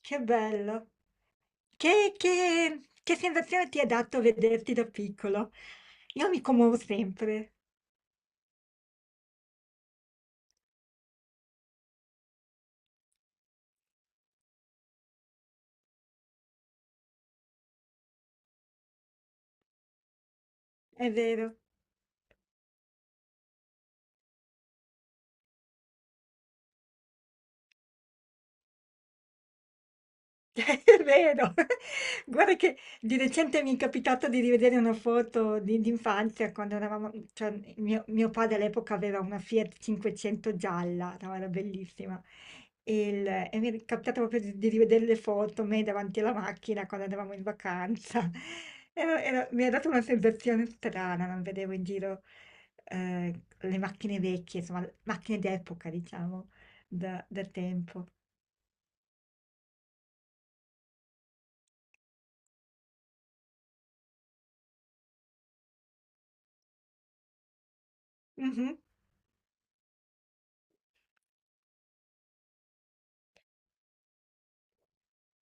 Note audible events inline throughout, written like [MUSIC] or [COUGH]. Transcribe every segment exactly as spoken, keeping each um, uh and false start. Che bello. Che, che- che sensazione ti ha dato vederti da piccolo? Io mi commuovo sempre, è vero. [LAUGHS] È vero, [LAUGHS] guarda che di recente mi è capitato di rivedere una foto di, di infanzia quando eravamo, cioè mio, mio padre all'epoca aveva una Fiat cinquecento gialla, no, era bellissima, e, il- e mi è capitato proprio di, di rivedere le foto, me davanti alla macchina quando andavamo in vacanza. [LAUGHS] Era- era- mi ha dato una sensazione strana, non vedevo in giro eh, le macchine vecchie, insomma, macchine d'epoca, diciamo, da, da tempo.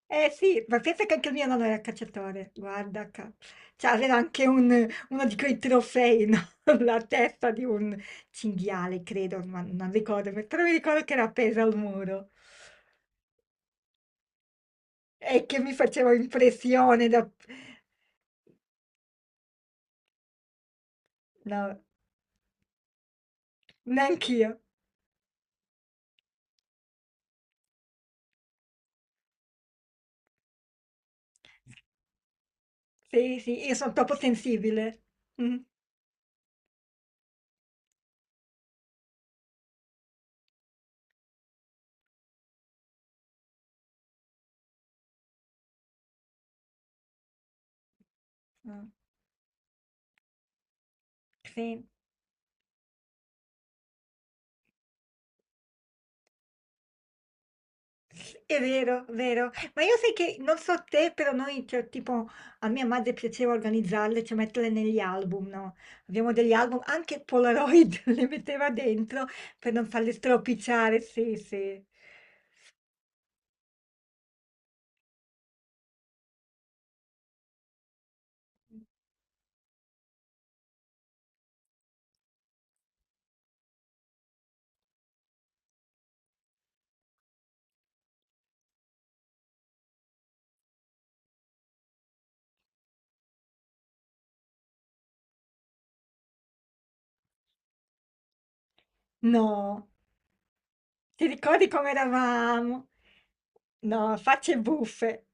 Eh sì, ma pensa che anche il mio nonno era calciatore, guarda, ca- cioè, aveva anche un- uno di quei trofei, no? [LAUGHS] La testa di un cinghiale, credo, ma non ricordo, però mi ricordo che era appesa al muro e che mi faceva impressione da... No, neanch'io. Sì, sì, io sono troppo sensibile. Mm, mm, sì. È vero, vero. Ma io sai che non so te, però noi, cioè, tipo, a mia madre piaceva organizzarle, cioè metterle negli album, no? Abbiamo degli album, anche Polaroid [LAUGHS] le metteva dentro per non farle stropicciare, sì, sì. No, ti ricordi come eravamo? No, facce buffe.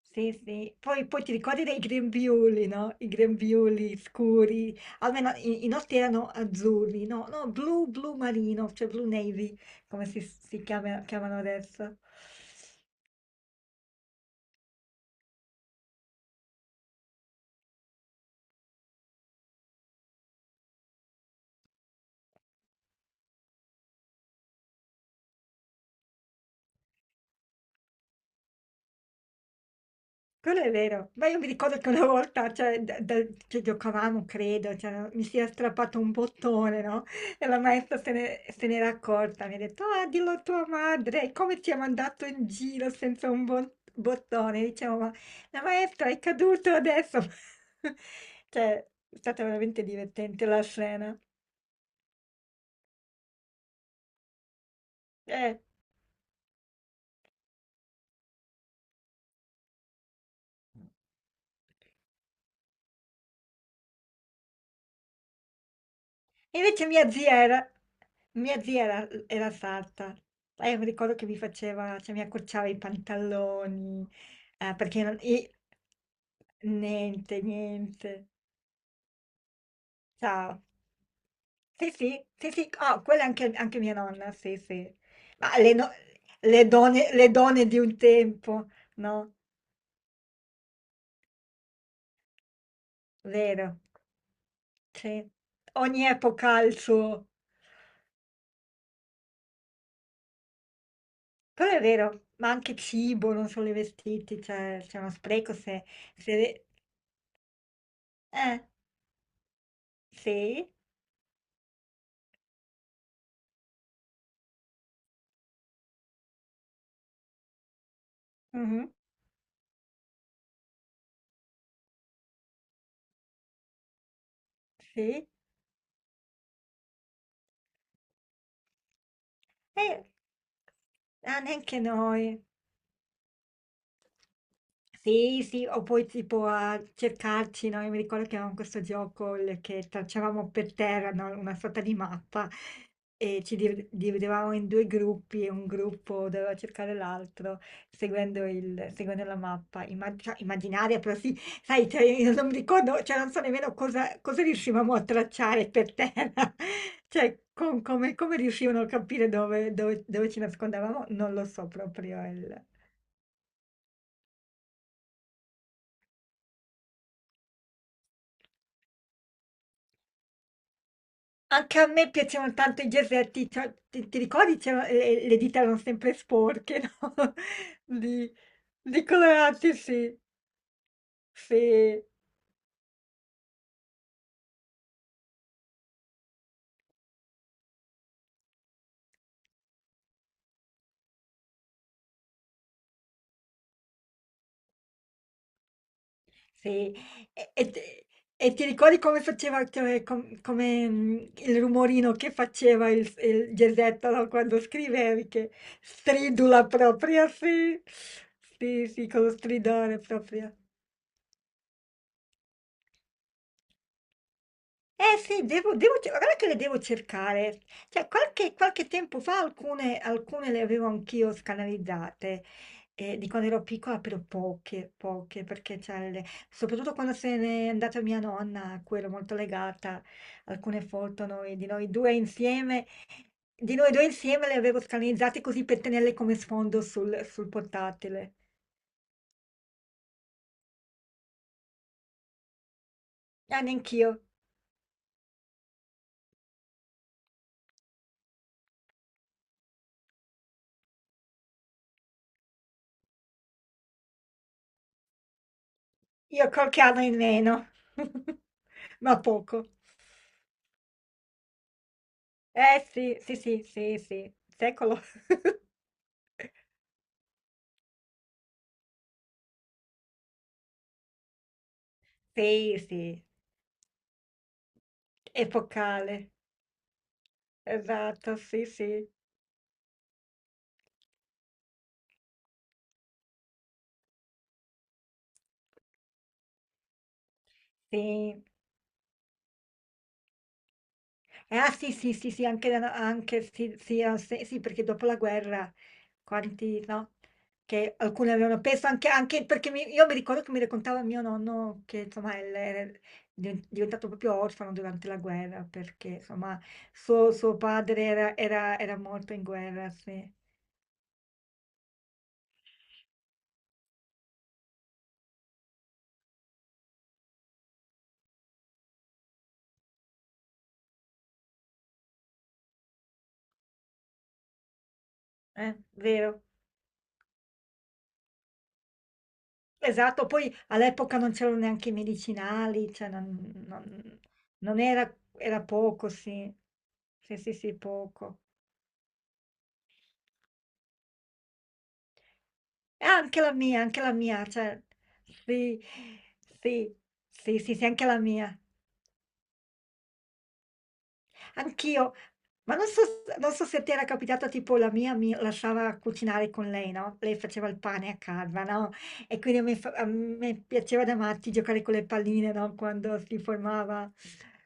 Sì, sì. Poi, poi ti ricordi dei grembiuli, no? I grembiuli scuri, almeno i, i nostri erano azzurri, no? No, blu, blu marino, cioè blu navy, come si, si chiama- chiamano adesso. Quello è vero, ma io mi ricordo che una volta cioè, da- da- che giocavamo, credo, cioè, no, mi si è strappato un bottone, no? E la maestra se ne, se n'era accorta, mi ha detto, ah, dillo a tua madre, e come ti ha mandato in giro senza un bon- bottone? Dicevo, ma la maestra è caduta adesso. [LAUGHS] Cioè, è stata veramente divertente la scena. Eh. Invece mia zia era, mia zia era, era sarta. Lei mi ricordo che mi faceva, cioè mi accorciava i pantaloni, eh, perché non- i- niente, niente. Ciao. Sì, sì, sì, sì. Oh, quella è anche, anche mia nonna, sì, sì. Ma le, no- le donne, le donne di un tempo, no? Vero. Sì. Ogni epoca ha il suo. Però è vero, ma anche cibo, non solo i vestiti, cioè c'è uno spreco se... Se, eh, sì, mh-mh, sì. E ah, neanche noi. Sì, sì, o poi tipo a cercarci, no? Io mi ricordo che avevamo questo gioco il- che tracciavamo per terra, no? Una sorta di mappa e ci div- dividevamo in due gruppi e un gruppo doveva cercare l'altro seguendo, il- seguendo la mappa, Imma- cioè, immaginaria, però sì, sai, cioè, io non mi ricordo, cioè non so nemmeno cosa, cosa riuscivamo a tracciare per terra, [LAUGHS] cioè con- come, come riuscivano a capire dove, dove- dove ci nascondevamo, non lo so proprio. Anche a me piacevano tanto i gesetti, cioè, ti, ti ricordi? C'era- le, le dita erano sempre sporche, no? [LAUGHS] Di, di colorati, sì, sì, sì. E, e ti e ti ricordi come faceva, cioè, com- come mm, il rumorino che faceva il, il gesetto, no? Quando scrivevi, che stridula propria, sì, sì, sì, con lo stridore proprio. Eh sì, devo, devo ce- guarda che le devo cercare. Cioè, qualche, qualche tempo fa alcune, alcune le avevo anch'io scanalizzate. Eh, di quando ero piccola, però poche, poche, perché c'è le- soprattutto quando se n'è andata mia nonna, a cui ero molto legata, alcune foto noi- di noi due insieme, di noi due insieme le avevo scanalizzate così per tenerle come sfondo sul, sul portatile. Ah, neanch'io, io qualche anno in meno, [LAUGHS] ma poco. Eh sì, sì, sì, sì, sì, secolo. [LAUGHS] Sì, sì, epocale, esatto, sì, sì, sì. Eh, ah sì, sì, sì, sì, anche, da- anche sì, sì, ah, sì, sì, perché dopo la guerra, quanti, no? Che alcuni avevano perso anche, anche perché mi- io mi ricordo che mi raccontava mio nonno che insomma è era diven- diventato proprio orfano durante la guerra perché insomma suo, suo padre era, era- era morto in guerra, sì, eh, vero. Esatto, poi all'epoca non c'erano neanche i medicinali, cioè non, non- non era, era poco, sì. Sì, sì, sì, poco. E anche la mia, anche la mia, cioè, sì, sì, sì, sì, sì, anche la mia. Anch'io, ma non so, s- non so se ti era capitato, tipo la mia mi lasciava cucinare con lei, no? Lei faceva il pane a casa, no? E quindi a me, fa- a me piaceva da matti giocare con le palline, no? Quando si formava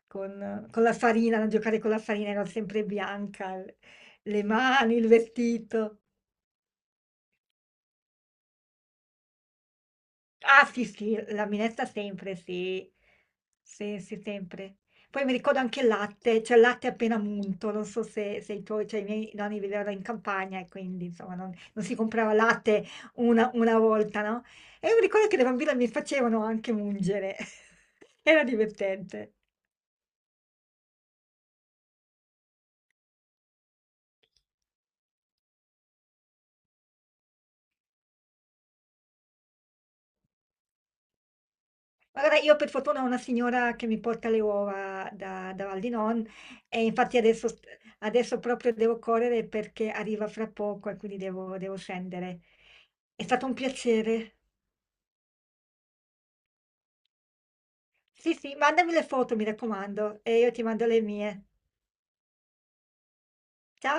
con, con la farina, no? Giocare con la farina, ero sempre bianca, le mani, il vestito. Ah sì, sì, la minestra sempre, sì. Sì, sì, sempre. Poi mi ricordo anche il latte, cioè il latte appena munto, non so se, se i tuoi, cioè i miei nonni vivevano in campagna e quindi insomma non, non si comprava latte una, una volta, no? E mi ricordo che le bambine mi facevano anche mungere, [LAUGHS] era divertente. Allora, io per fortuna ho una signora che mi porta le uova da, da Val di Non e infatti adesso, st- adesso proprio devo correre perché arriva fra poco e quindi devo, devo scendere. È stato un piacere. Sì, sì, mandami le foto, mi raccomando, e io ti mando le mie. Ciao!